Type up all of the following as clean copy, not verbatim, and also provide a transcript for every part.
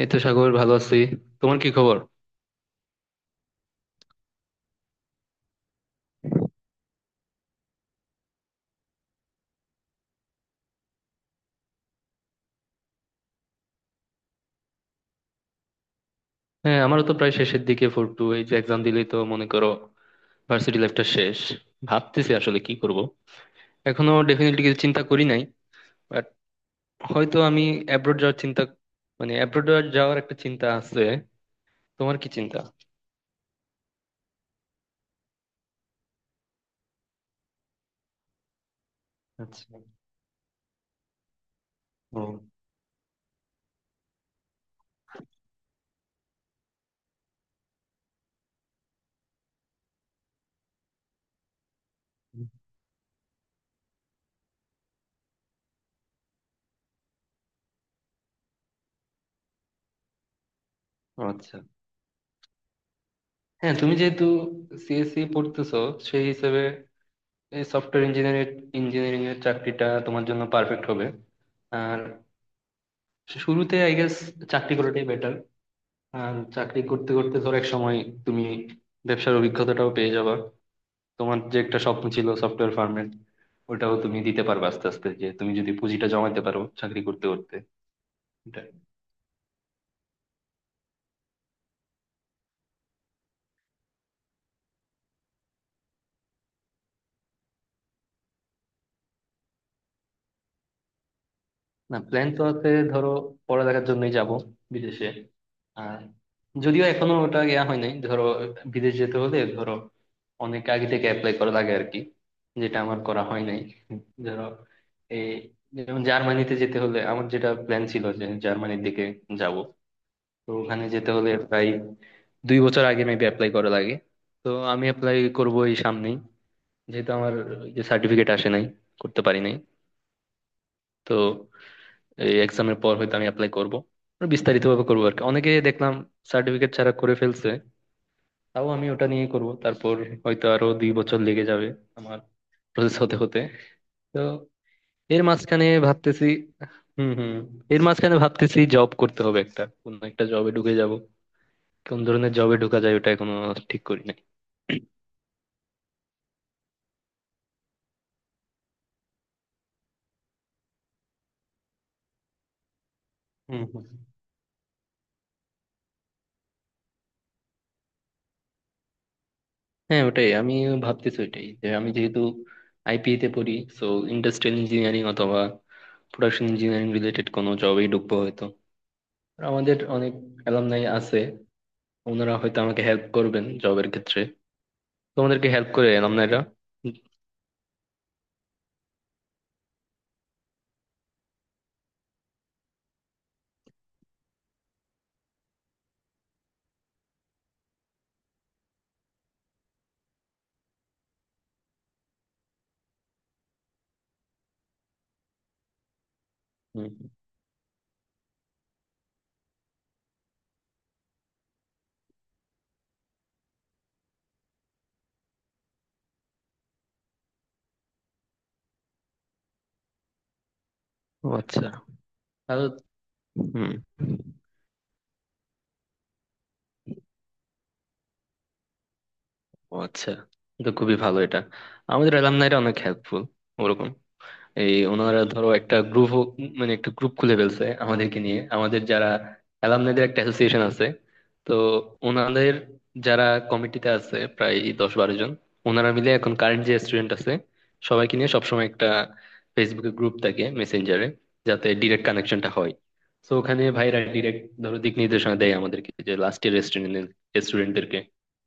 এই তো সাগর, ভালো আছি। তোমার কি খবর? হ্যাঁ, আমারও তো প্রায় শেষের দিকে। 4-2 এই যে এক্সাম দিলেই তো মনে করো ভার্সিটি লাইফটা শেষ। ভাবতেছি আসলে কি করব। এখনো ডেফিনেটলি কিছু চিন্তা করি নাই, বাট হয়তো আমি অ্যাব্রোড যাওয়ার চিন্তা, মানে অ্যাব্রোড যাওয়ার একটা চিন্তা আছে। তোমার কি চিন্তা? আচ্ছা। ও আচ্ছা। হ্যাঁ, তুমি যেহেতু সিএসসি পড়তেছো, সেই হিসেবে এই সফটওয়্যার ইঞ্জিনিয়ারিং ইঞ্জিনিয়ারিং এর চাকরিটা তোমার জন্য পারফেক্ট হবে। আর শুরুতে আই গেস চাকরি করাটাই বেটার। আর চাকরি করতে করতে ধর এক সময় তুমি ব্যবসার অভিজ্ঞতাটাও পেয়ে যাবা। তোমার যে একটা স্বপ্ন ছিল সফটওয়্যার ফার্মের, ওটাও তুমি দিতে পারবে আস্তে আস্তে, যে তুমি যদি পুঁজিটা জমাইতে পারো চাকরি করতে করতে, এটাই। না, প্ল্যান তো আছে, ধরো পড়ালেখার জন্যই যাব বিদেশে। আর যদিও এখনো ওটা ইয়া হয় নাই, ধরো বিদেশ যেতে হলে ধরো অনেক আগে থেকে অ্যাপ্লাই করা লাগে আর কি, যেটা আমার করা হয় নাই, ধরো। এই যেমন জার্মানিতে যেতে হলে, আমার যেটা প্ল্যান ছিল যে জার্মানির দিকে যাব, তো ওখানে যেতে হলে প্রায় 2 বছর আগে মেবি অ্যাপ্লাই করা লাগে। তো আমি অ্যাপ্লাই করবো এই সামনেই, যেহেতু আমার যে সার্টিফিকেট আসে নাই, করতে পারি নাই। তো এই এক্সামের পর হয়তো আমি অ্যাপ্লাই করবো, বিস্তারিত ভাবে করবো আর কি। অনেকে দেখলাম সার্টিফিকেট ছাড়া করে ফেলছে, তাও আমি ওটা নিয়ে করব। তারপর হয়তো আরো 2 বছর লেগে যাবে আমার প্রসেস হতে হতে। তো এর মাঝখানে ভাবতেছি। হুম হুম। এর মাঝখানে ভাবতেছি জব করতে হবে, একটা কোন একটা জবে ঢুকে যাব। কোন ধরনের জবে ঢুকা যায় ওটা এখনো ঠিক করি নাই। হুম হুম। হ্যাঁ, ওটাই আমি ভাবতেছি, ওইটাই, যে আমি যেহেতু আইপিএ তে পড়ি, সো ইন্ডাস্ট্রিয়াল ইঞ্জিনিয়ারিং অথবা প্রোডাকশন ইঞ্জিনিয়ারিং রিলেটেড কোনো জবেই ঢুকবো হয়তো। আর আমাদের অনেক অ্যালামনাই আছে, ওনারা হয়তো আমাকে হেল্প করবেন জবের ক্ষেত্রে। তোমাদেরকে হেল্প করে অ্যালামনাইরা? হুম হুম। ও আচ্ছা। তাহলে হুম। ও আচ্ছা, তো খুবই ভালো এটা। আমাদের অ্যালামনাইরা অনেক হেল্পফুল ওরকম। এই ওনারা ধরো একটা গ্রুপ, মানে একটা গ্রুপ খুলে ফেলছে আমাদেরকে নিয়ে। আমাদের যারা অ্যালামনাইদের একটা অ্যাসোসিয়েশন আছে, তো ওনাদের যারা কমিটিতে আছে প্রায় 10-12 জন, ওনারা মিলে এখন কারেন্ট যে স্টুডেন্ট আছে সবাইকে নিয়ে সবসময় একটা ফেসবুকে গ্রুপ থাকে, মেসেঞ্জারে, যাতে ডিরেক্ট কানেকশনটা হয়। তো ওখানে ভাইরা ডিরেক্ট ধরো দিক নির্দেশনা দেয় আমাদেরকে যে লাস্ট ইয়ার স্টুডেন্টদেরকে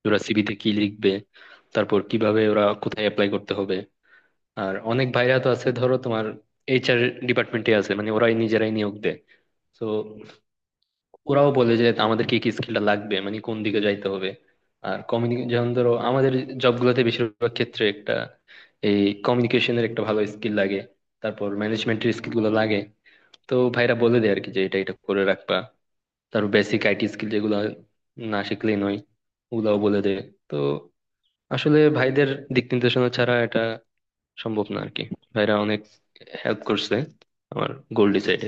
ওরা সিভিতে কি লিখবে, তারপর কিভাবে ওরা কোথায় অ্যাপ্লাই করতে হবে। আর অনেক ভাইরা তো আছে ধরো তোমার এইচআর ডিপার্টমেন্টে আছে, মানে ওরাই নিজেরাই নিয়োগ দেয়। তো ওরাও বলে যে আমাদের কি কি স্কিলটা লাগবে, মানে কোন দিকে যাইতে হবে। আর কমিউনিকেশন যেমন ধরো আমাদের জবগুলোতে বেশিরভাগ ক্ষেত্রে একটা এই কমিউনিকেশনের একটা ভালো স্কিল লাগে, তারপর ম্যানেজমেন্টের স্কিল গুলো লাগে। তো ভাইরা বলে দেয় আর কি, যে এটা এটা করে রাখবা। তারপর বেসিক আইটি স্কিল যেগুলো না শিখলেই নয়, ওগুলাও বলে দেয়। তো আসলে ভাইদের দিক নির্দেশনা ছাড়া এটা সম্ভব না আর কি। ভাইরা অনেক হেল্প করছে আমার গোল ডিসাইডে।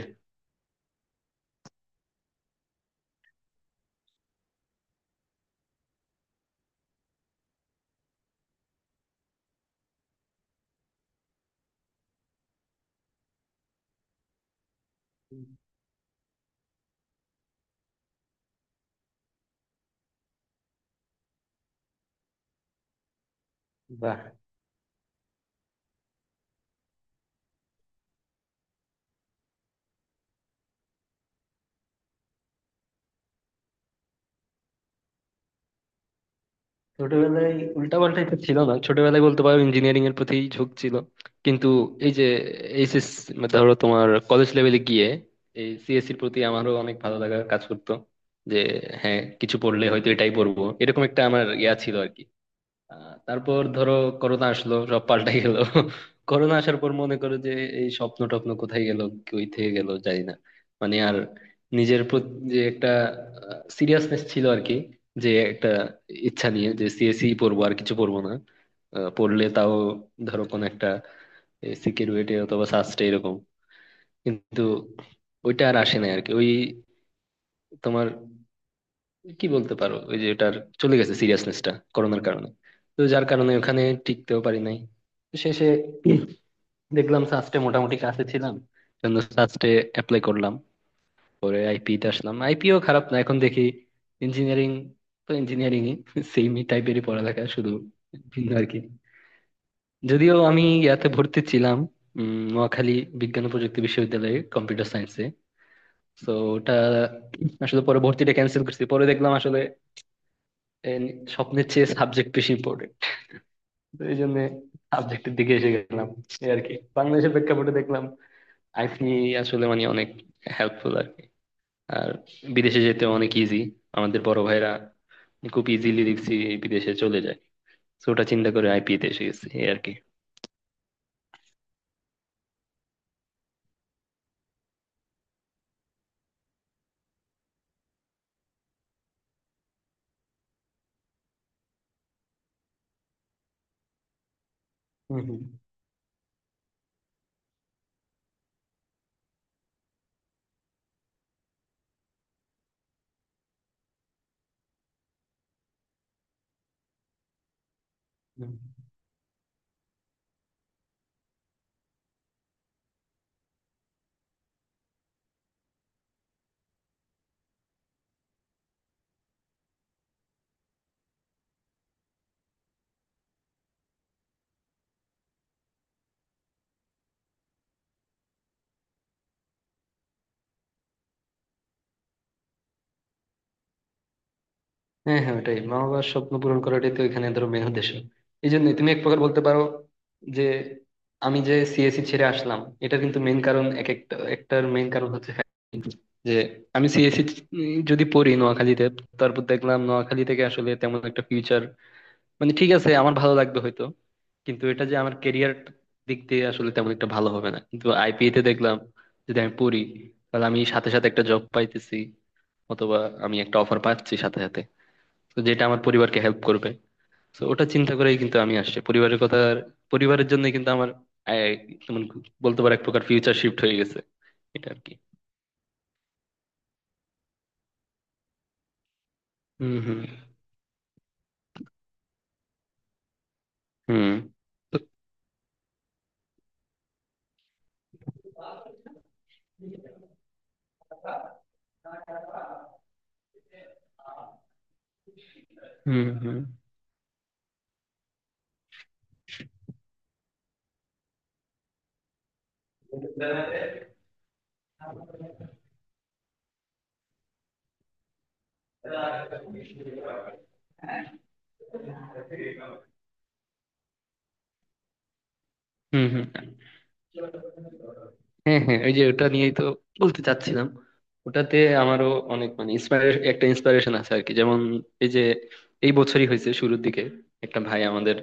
বাহ। ছোটবেলায় উল্টাপাল্টা এটা ছিল না, ছোটবেলায় বলতে পারো ইঞ্জিনিয়ারিং এর প্রতি ঝোঁক ছিল। কিন্তু এই যে এইচএস, ধরো তোমার কলেজ লেভেলে গিয়ে এই সিএসসির প্রতি আমারও অনেক ভালো লাগা কাজ করতো, যে হ্যাঁ কিছু পড়লে হয়তো এটাই পড়বো, এরকম একটা আমার ইয়া ছিল আর কি। তারপর ধরো করোনা আসলো, সব পাল্টাই গেল। করোনা আসার পর মনে করো যে এই স্বপ্ন টপ্ন কোথায় গেল, কই থেকে গেল জানি না। মানে আর নিজের প্রতি যে একটা সিরিয়াসনেস ছিল আর কি, যে একটা ইচ্ছা নিয়ে যে সিএসই পড়বো, আর কিছু পড়বো না। পড়লে তাও ধরো কোন একটা সিকিউরিটি অথবা সাস্টে এরকম, কিন্তু ওইটা আর আসে না আর কি। ওই তোমার কি বলতে পারো ওই যে ওটার চলে গেছে সিরিয়াসনেসটা করোনার কারণে। তো যার কারণে ওখানে টিকতেও পারি নাই। তো শেষে দেখলাম সাস্টে মোটামুটি কাছে ছিলাম, জন্য সাস্টে অ্যাপ্লাই করলাম। পরে আইপি তে আসলাম, আইপিও খারাপ না এখন দেখি। ইঞ্জিনিয়ারিং তো ইঞ্জিনিয়ারিং ই, সেমই টাইপেরই পড়ালেখা, শুধু ভিন্ন আর কি। যদিও আমি ইয়াতে ভর্তি ছিলাম, নোয়াখালী বিজ্ঞান ও প্রযুক্তি বিশ্ববিদ্যালয়ে, কম্পিউটার সায়েন্সে। তো ওটা আসলে পরে ভর্তিটা ক্যান্সেল করছি। পরে দেখলাম আসলে এই স্বপ্নের চেয়ে সাবজেক্ট বেশি ইম্পর্টেন্ট। তো এই জন্য সাবজেক্টের দিকে এসে গেলাম এই আর কি। বাংলাদেশের প্রেক্ষাপটে দেখলাম আইসি আসলে মানে অনেক হেল্পফুল আর কি। আর বিদেশে যেতে অনেক ইজি, আমাদের বড় ভাইরা খুব ইজিলি দেখছি বিদেশে চলে যায়। তো ওটা চিন্তা করে আইপি তে এসে গেছি এই আর কি। হম হম হম। হ্যাঁ হ্যাঁ, ওটাই, মা বাবার স্বপ্ন পূরণ করাটাই তো এখানে ধরো মেন উদ্দেশ্য। এই জন্য তুমি এক প্রকার বলতে পারো যে আমি যে সিএসসি ছেড়ে আসলাম, এটার কিন্তু মেন কারণ, এক একটা একটার মেন কারণ হচ্ছে যে আমি সিএসসি যদি পড়ি নোয়াখালীতে, তারপর দেখলাম নোয়াখালী থেকে আসলে তেমন একটা ফিউচার, মানে ঠিক আছে আমার ভালো লাগবে হয়তো, কিন্তু এটা যে আমার কেরিয়ার দিক দিয়ে আসলে তেমন একটা ভালো হবে না। কিন্তু আইপিএ তে দেখলাম যদি আমি পড়ি, তাহলে আমি সাথে সাথে একটা জব পাইতেছি, অথবা আমি একটা অফার পাচ্ছি সাথে সাথে, তো যেটা আমার পরিবারকে হেল্প করবে। তো ওটা চিন্তা করেই কিন্তু আমি আসছি, পরিবারের কথা, পরিবারের জন্য কিন্তু আমার আহ, তেমন বলতে পারো এক প্রকার ফিউচার শিফট হয়ে গেছে এটা আর কি। হুম হুম। হুম। তো হুম হুম। হুম হুম। হ্যাঁ হ্যাঁ, ওই যে ওটা নিয়েই তো বলতে চাচ্ছিলাম, ওটাতে আমারও অনেক মানে একটা ইন্সপিরেশন আছে আর কি। যেমন এই যে এই বছরই হয়েছে শুরুর দিকে, একটা ভাই আমাদের,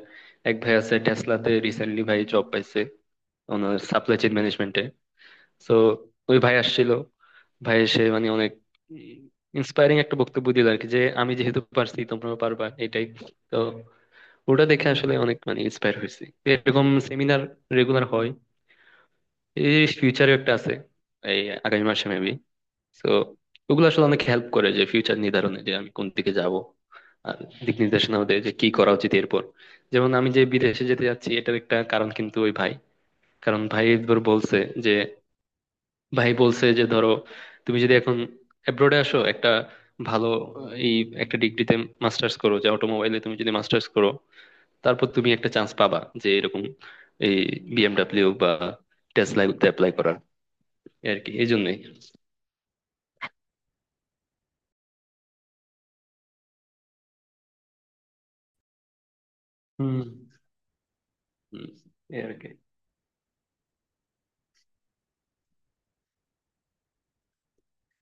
এক ভাই আছে টেসলাতে রিসেন্টলি ভাই জব পাইছে, ওনার সাপ্লাই চেইন ম্যানেজমেন্টে। তো ওই ভাই আসছিল, ভাই এসে মানে অনেক ইন্সপায়ারিং একটা বক্তব্য দিল আর কি, যে আমি যেহেতু পারছি তোমরাও পারবা, এটাই। তো ওটা দেখে আসলে অনেক মানে ইন্সপায়ার হয়েছি। এরকম সেমিনার রেগুলার হয়, এই ফিউচারে একটা আছে এই আগামী মাসে মেবি। তো ওগুলো আসলে অনেক হেল্প করে যে ফিউচার নির্ধারণে, যে আমি কোন দিকে যাব। আর দিক নির্দেশনাও দেয় যে কি করা উচিত এরপর। যেমন আমি যে বিদেশে যেতে যাচ্ছি, এটার একটা কারণ কিন্তু ওই ভাই। কারণ ভাই একবার বলছে যে, ভাই বলছে যে ধরো তুমি যদি এখন অ্যাব্রোডে আসো একটা ভালো এই একটা ডিগ্রিতে মাস্টার্স করো, যে অটোমোবাইলে তুমি যদি মাস্টার্স করো, তারপর তুমি একটা চান্স পাবা যে এরকম এই বিএমডাব্লিউ বা টেসলায় অ্যাপ্লাই করার। এই আর কি, এই জন্যই। হুম। হুম, এই আর কি।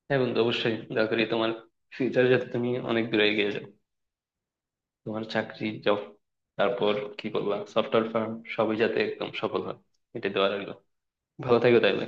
হ্যাঁ বন্ধু, অবশ্যই দয়া করি তোমার ফিউচার যাতে তুমি অনেক দূরে এগিয়ে যাও, তোমার চাকরি জব, তারপর কি করবা সফটওয়্যার ফার্ম, সবই যাতে একদম সফল হয়, এটা দেওয়া লাগলো। ভালো থাকো তাইলে।